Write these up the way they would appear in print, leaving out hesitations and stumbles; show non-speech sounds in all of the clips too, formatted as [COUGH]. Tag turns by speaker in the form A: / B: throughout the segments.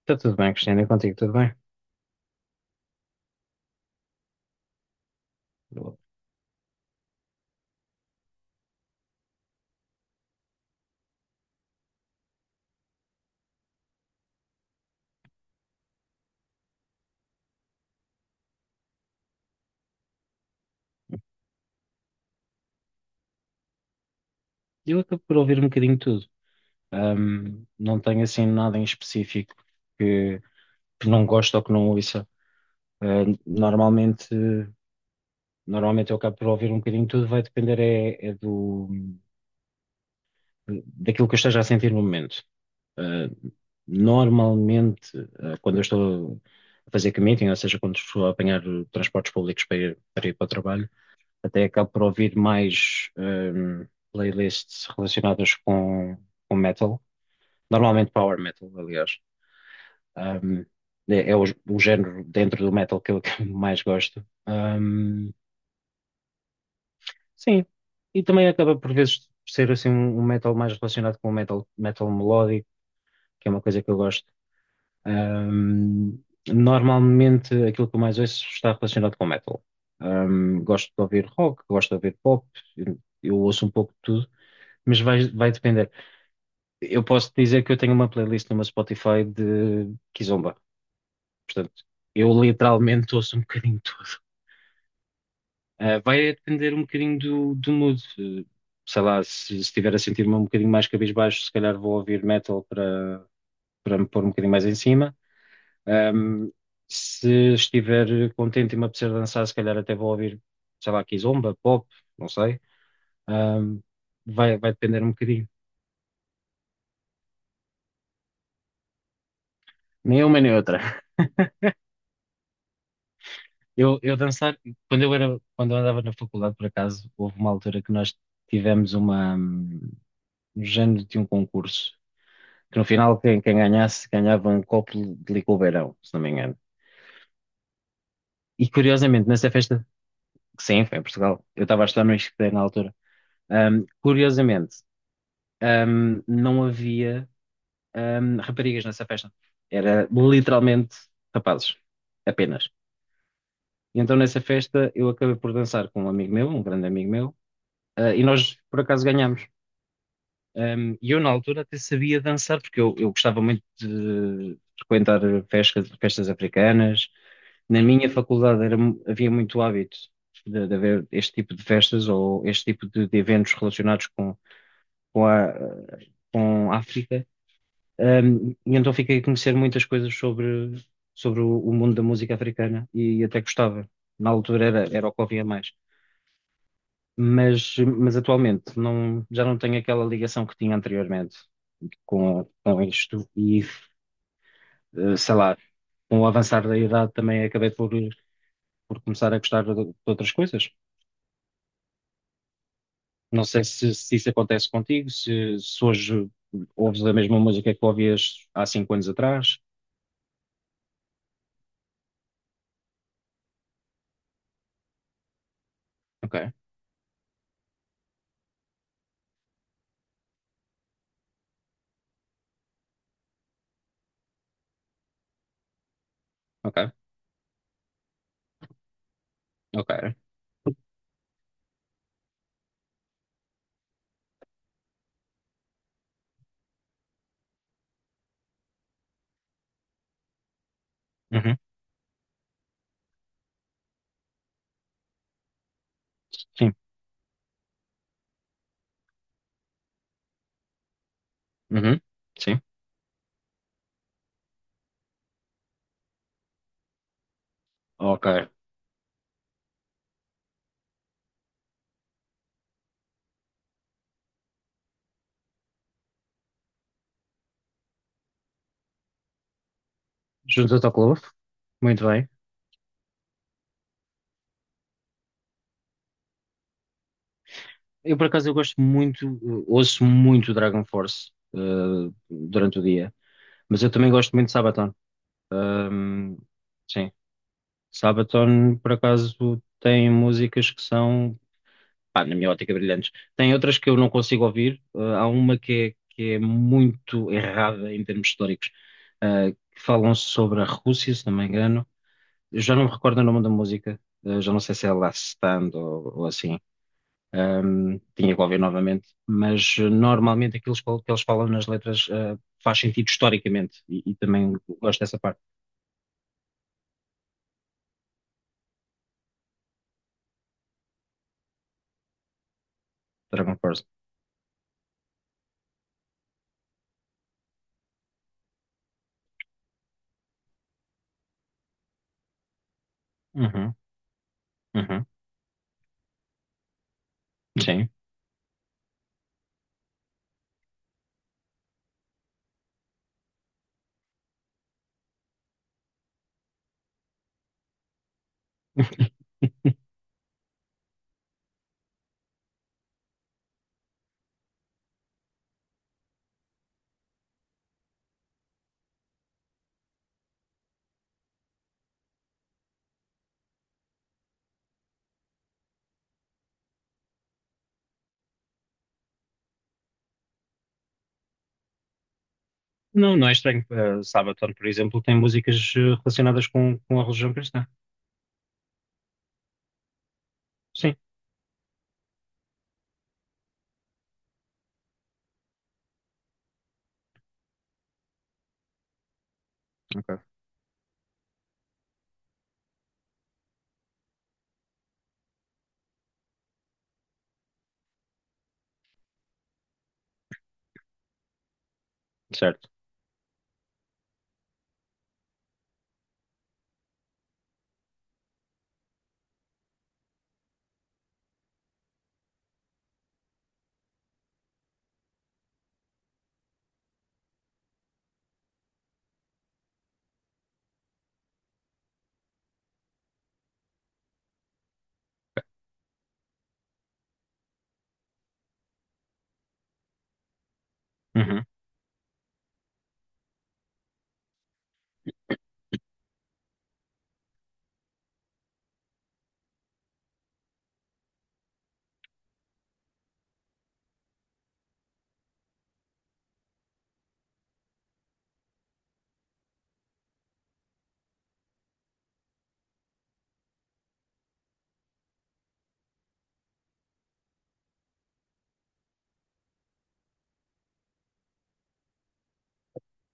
A: Está tudo bem, Cristiano, e contigo, tudo bem? Boa. Eu acabo por ouvir um bocadinho de tudo. Não tenho assim nada em específico que, que não gosto ou que não ouça. Ah, normalmente, normalmente eu acabo por ouvir um bocadinho de tudo, vai depender é do, daquilo que eu esteja a sentir no momento. Ah, normalmente, quando eu estou a fazer commuting, ou seja, quando estou a apanhar transportes públicos para ir para o trabalho, até acabo por ouvir mais playlists relacionadas com metal, normalmente power metal, aliás. Hum, é o género dentro do metal [LAUGHS] que eu mais gosto. Sim, e também acaba por vezes ser assim um metal mais relacionado com o metal, metal melódico, que é uma coisa que eu gosto. Hum, Normalmente aquilo que eu mais ouço está relacionado com metal. Gosto de ouvir rock, gosto de ouvir pop, eu ouço um pouco de tudo, mas vai depender. Eu posso dizer que eu tenho uma playlist numa Spotify de Kizomba. Portanto, eu literalmente ouço um bocadinho de tudo. Ah, vai depender um bocadinho do mood. Sei lá, se estiver a sentir-me um bocadinho mais cabisbaixo, se calhar vou ouvir metal para, para me pôr um bocadinho mais em cima. Ahm, Se estiver contente e me apetecer dançar, se calhar até vou ouvir, sei lá, Kizomba, pop, não sei. Ahm, vai depender um bocadinho. Nem uma nem outra. Eu dançar, quando eu andava na faculdade, por acaso, houve uma altura que nós tivemos um género de um concurso, que no final quem ganhasse ganhava um copo de licor beirão, se não me engano. E curiosamente, nessa festa, sim, foi em Portugal, eu estava a estudar no ISCTE na altura, hum, curiosamente, não havia, raparigas nessa festa. Era literalmente rapazes, apenas. E então nessa festa eu acabei por dançar com um amigo meu, um grande amigo meu, ah, e nós por acaso ganhámos. E eu, na altura, até sabia dançar, porque eu gostava muito de frequentar festas africanas. Na minha faculdade havia muito hábito de haver este tipo de festas ou este tipo de eventos relacionados com a, com a África. E então fiquei a conhecer muitas coisas sobre o mundo da música africana e até gostava. Na altura era o que ouvia mais. Mas atualmente não, já não tenho aquela ligação que tinha anteriormente com isto e, sei lá, com o avançar da idade também acabei por começar a gostar de outras coisas. Não sei se isso acontece contigo, se hoje ouves a mesma música que ouvias há cinco anos atrás. Ok, ok, ok. Uhum, sim, uhum, sim. Ok. Junta-te ao clube. Muito bem. Eu, por acaso, eu gosto muito, ouço muito Dragon Force, durante o dia, mas eu também gosto muito de Sabaton. Hum, Sim. Sabaton, por acaso, tem músicas que são, pá, na minha ótica, brilhantes. Tem outras que eu não consigo ouvir. Há uma que é muito errada em termos históricos, que falam sobre a Rússia, se não me engano. Eu já não me recordo o nome da música, já não sei se é Last Stand ou assim. Tinha que ouvir novamente, mas normalmente aquilo que eles falam nas letras, faz sentido historicamente e também gosto dessa parte, Dragon Force. Uhum, uhum, sim. Não, não é estranho. Sabaton, por exemplo, tem músicas relacionadas com a religião cristã. Sim, ok, certo. Uhum.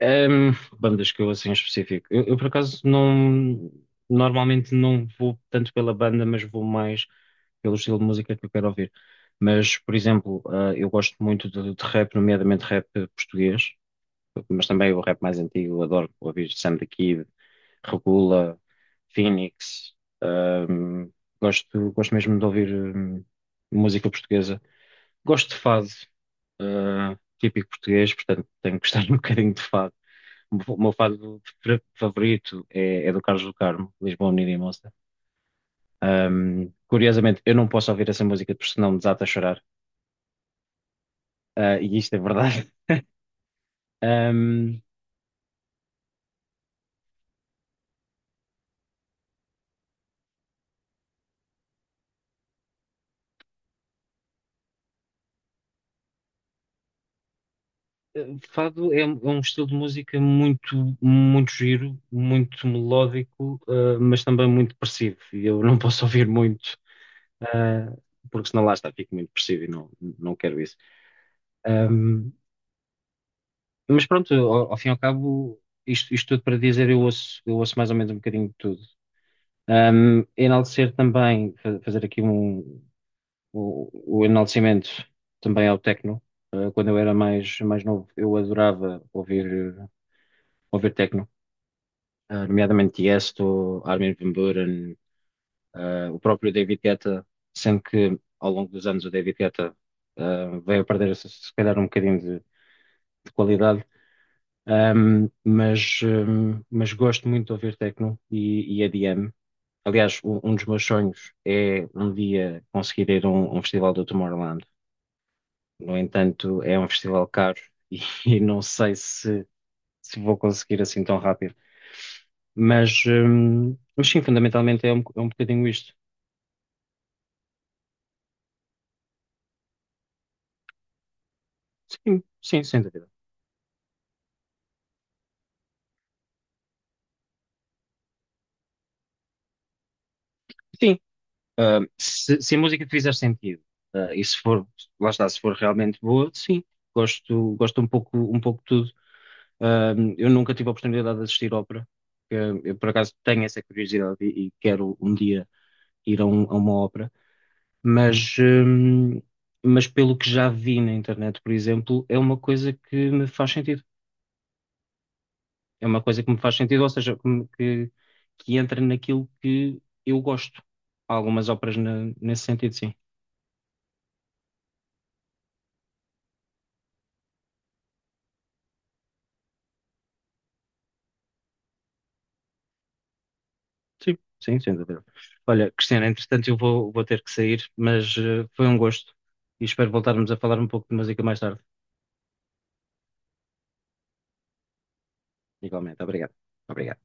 A: Ehm, Bandas que eu assim em específico. Por acaso normalmente não vou tanto pela banda, mas vou mais pelo estilo de música que eu quero ouvir. Mas, por exemplo, eu gosto muito de rap, nomeadamente rap português, mas também o rap mais antigo, eu adoro ouvir Sam the Kid, Regula, Phoenix. Ahm, gosto mesmo de ouvir hum, música portuguesa. Gosto de fado, ah, típico português, portanto tenho que gostar [LAUGHS] um bocadinho de fado. O meu favorito é do Carlos do Carmo, Lisboa, Unida e Moça. Curiosamente, eu não posso ouvir essa música porque senão me desata a chorar. Ah, e isto é verdade. [LAUGHS] Fado é um estilo de música muito giro, muito melódico, ah, mas também muito depressivo. E eu não [LAUGHS] posso ouvir muito, ah, porque senão lá está, fico muito depressivo e não, não quero isso. Ahm, mas pronto, ao fim e ao cabo, isto tudo para dizer, eu ouço mais ou menos um bocadinho de tudo. Enaltecer também, fazer aqui o enaltecimento também ao techno. Ah, quando eu era mais novo, eu adorava ouvir techno, ah, nomeadamente Tiesto, Armin van Buuren, ah, o próprio David Guetta, sendo que ao longo dos anos o David Guetta ah, veio a perder se calhar um bocadinho de qualidade. Mas gosto muito de ouvir techno e EDM. Aliás, um dos meus sonhos é um dia conseguir ir a um festival do Tomorrowland. No entanto, é um festival caro e, [LAUGHS] e não sei se vou conseguir assim tão rápido. Mas sim, fundamentalmente é é um bocadinho isto. Sim, sim, sem dúvida. Sim, ah, se a música te fizer sentido, ah, e se for, lá está, se for realmente boa, sim, gosto um pouco de tudo. Ah, eu nunca tive a oportunidade de assistir ópera, que eu por acaso tenho essa curiosidade e quero um dia ir a uma ópera, mas, hum, mas pelo que já vi na internet, por exemplo, é uma coisa que me faz sentido. É uma coisa que me faz sentido, ou seja, que entra naquilo que eu gosto. Há algumas óperas nesse sentido, sim. Sim, sim, sem dúvida. Olha, Cristiana, entretanto vou ter que sair, mas foi um gosto e espero voltarmos a falar um pouco de música mais tarde. Igualmente, obrigado. Obrigado.